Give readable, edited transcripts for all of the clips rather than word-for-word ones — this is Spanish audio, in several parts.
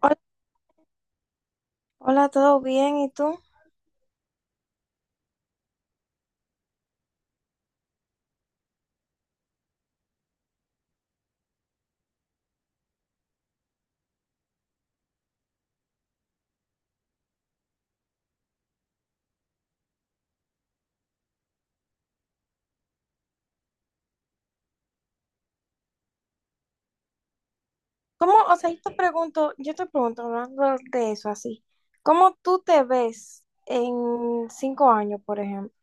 Hola, hola, ¿todo bien? ¿Y tú? O sea, yo te pregunto, hablando de eso así, ¿cómo tú te ves en 5 años, por ejemplo?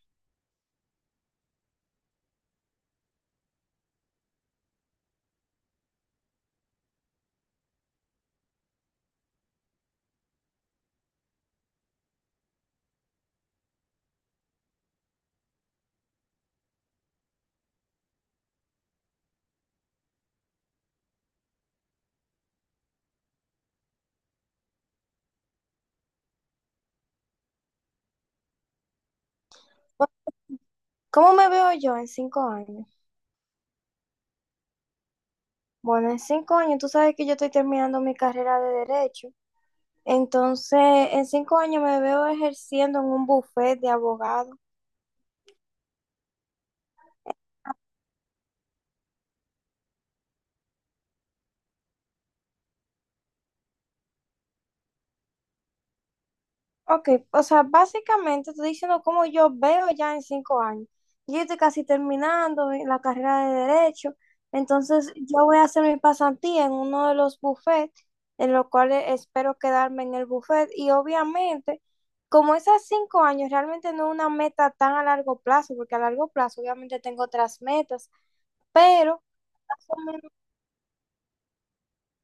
¿Cómo me veo yo en 5 años? Bueno, en 5 años, tú sabes que yo estoy terminando mi carrera de derecho, entonces en 5 años me veo ejerciendo en un bufete de abogado. Ok, o sea, básicamente estoy diciendo cómo yo veo ya en 5 años. Yo estoy casi terminando la carrera de Derecho, entonces yo voy a hacer mi pasantía en uno de los bufetes, en lo cual espero quedarme en el bufete. Y obviamente, como esas 5 años realmente no es una meta tan a largo plazo, porque a largo plazo obviamente tengo otras metas, pero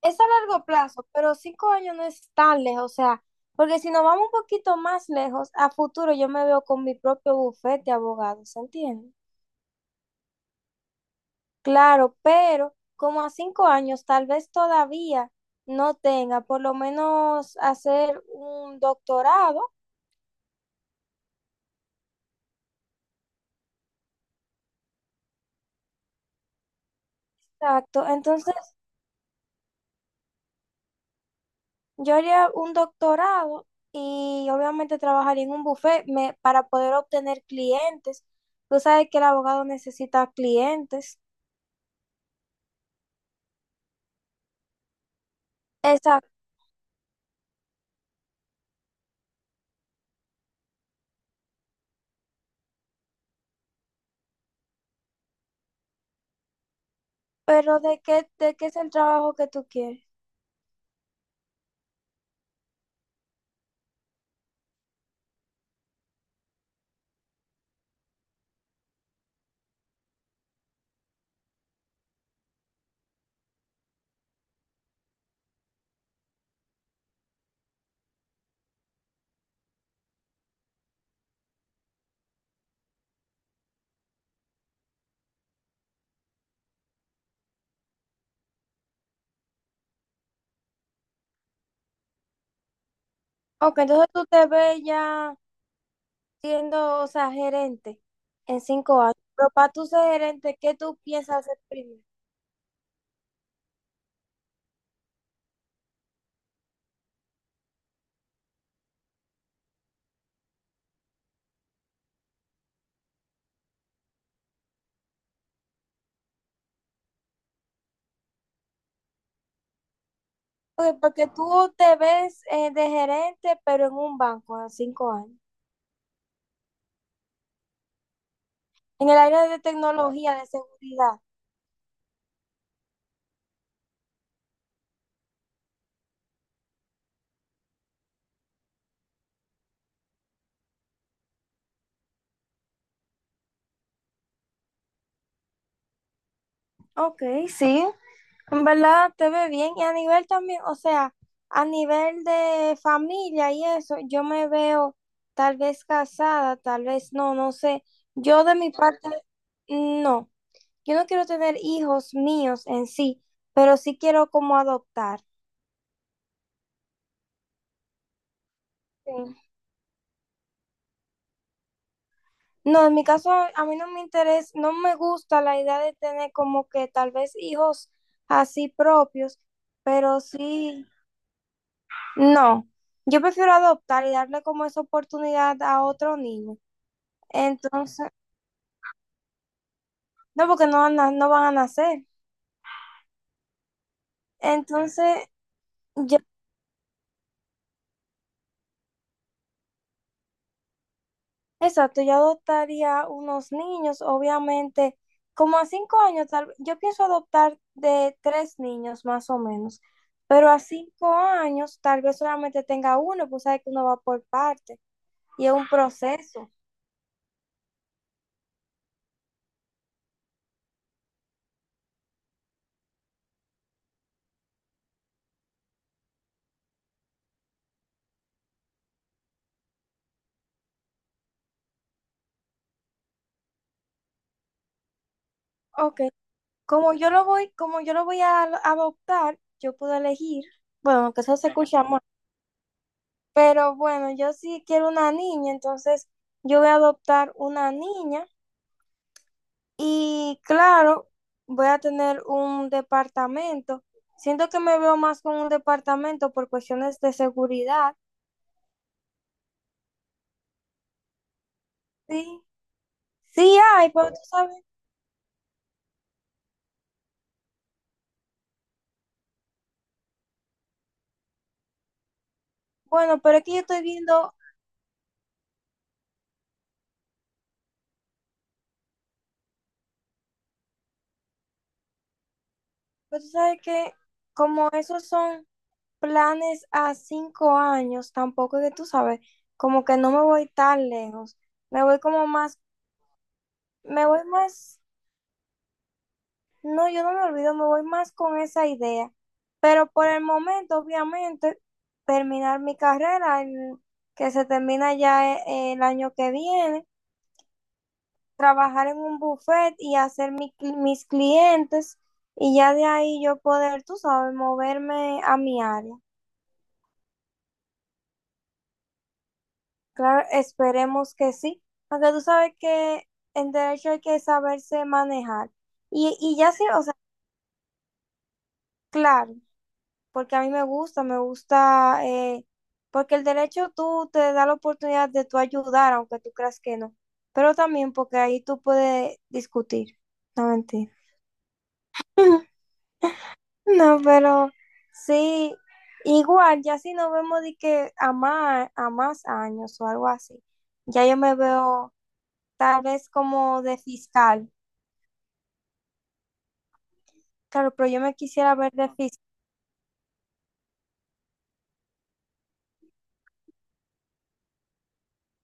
es a largo plazo, pero 5 años no es tan lejos, o sea, porque si nos vamos un poquito más lejos, a futuro yo me veo con mi propio bufete de abogados, ¿se entiende? Claro, pero como a 5 años tal vez todavía no tenga, por lo menos hacer un doctorado, exacto. Entonces yo haría un doctorado y obviamente trabajaría en un bufete para poder obtener clientes. Tú sabes que el abogado necesita clientes. Pero de qué es el trabajo que tú quieres? Ok, entonces tú te ves ya siendo, o sea, gerente en 5 años. Pero para tú ser gerente, ¿qué tú piensas hacer primero? Ok, porque tú te ves de gerente, pero en un banco a 5 años. En el área de tecnología, de seguridad. Ok, sí. En verdad te ve bien y a nivel también, o sea, a nivel de familia y eso, yo me veo tal vez casada, tal vez no, no sé. Yo de mi parte, no, yo no quiero tener hijos míos en sí, pero sí quiero como adoptar. Sí. No, en mi caso a mí no me interesa, no me gusta la idea de tener como que tal vez hijos así propios, pero sí. No, yo prefiero adoptar y darle como esa oportunidad a otro niño. Entonces, no, porque no, no van a nacer. Entonces, yo, exacto, yo adoptaría unos niños, obviamente, como a 5 años, tal vez- yo pienso adoptar de tres niños más o menos, pero a 5 años tal vez solamente tenga uno, pues sabe que uno va por parte y es un proceso. Ok, como yo lo voy a adoptar, yo puedo elegir, bueno, que eso se escucha amor, pero bueno, yo sí quiero una niña, entonces yo voy a adoptar una niña y claro, voy a tener un departamento. Siento que me veo más con un departamento por cuestiones de seguridad. Sí, sí hay, pero tú sabes, bueno, pero es que yo estoy viendo. Pero tú sabes que como esos son planes a 5 años, tampoco es que tú sabes, como que no me voy tan lejos, me voy como más, me voy más, no, yo no me olvido, me voy más con esa idea. Pero por el momento, obviamente, terminar mi carrera, que se termina ya el año que viene, trabajar en un buffet y hacer mis clientes y ya de ahí yo poder, tú sabes, moverme a mi área. Claro, esperemos que sí. Aunque tú sabes que en derecho hay que saberse manejar. Y ya sí, o sea, claro, porque a mí me gusta, porque el derecho tú te da la oportunidad de tú ayudar, aunque tú creas que no. Pero también porque ahí tú puedes discutir, no mentir. No, pero sí, igual, ya si nos vemos de que a más años o algo así, ya yo me veo tal vez como de fiscal. Claro, pero yo me quisiera ver de fiscal.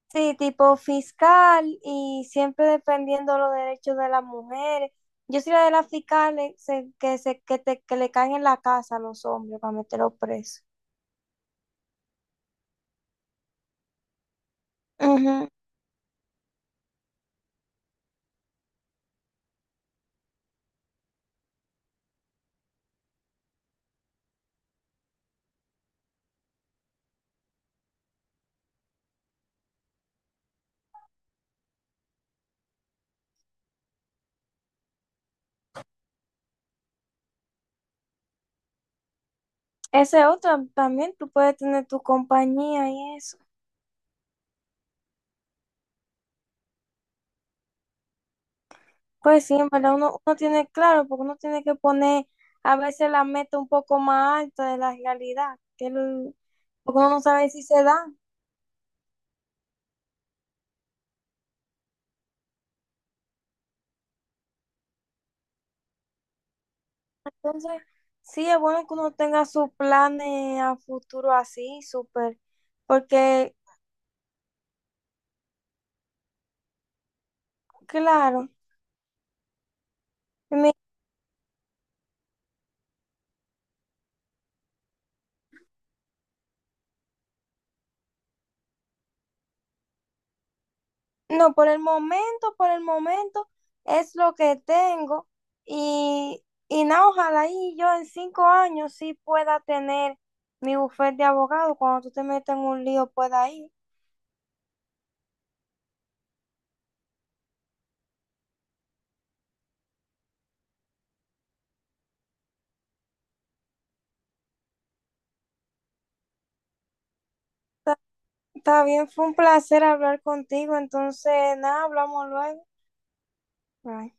Sí, tipo fiscal y siempre defendiendo los derechos de las mujeres. Yo soy la de las fiscales que le caen en la casa a los hombres para meterlos presos. Ujú. Ese otro también, tú puedes tener tu compañía y eso. Pues sí, en verdad uno, uno tiene claro, porque uno tiene que poner a veces la meta un poco más alta de la realidad, porque uno no sabe si se da. Entonces, sí es bueno que uno tenga sus planes a futuro así, súper, porque, claro, mi- no, por el momento es lo que tengo y nada, ojalá y yo en 5 años sí pueda tener mi bufete de abogado, cuando tú te metas en un lío pueda ir. Está bien, fue un placer hablar contigo, entonces, nada, hablamos luego. Bye.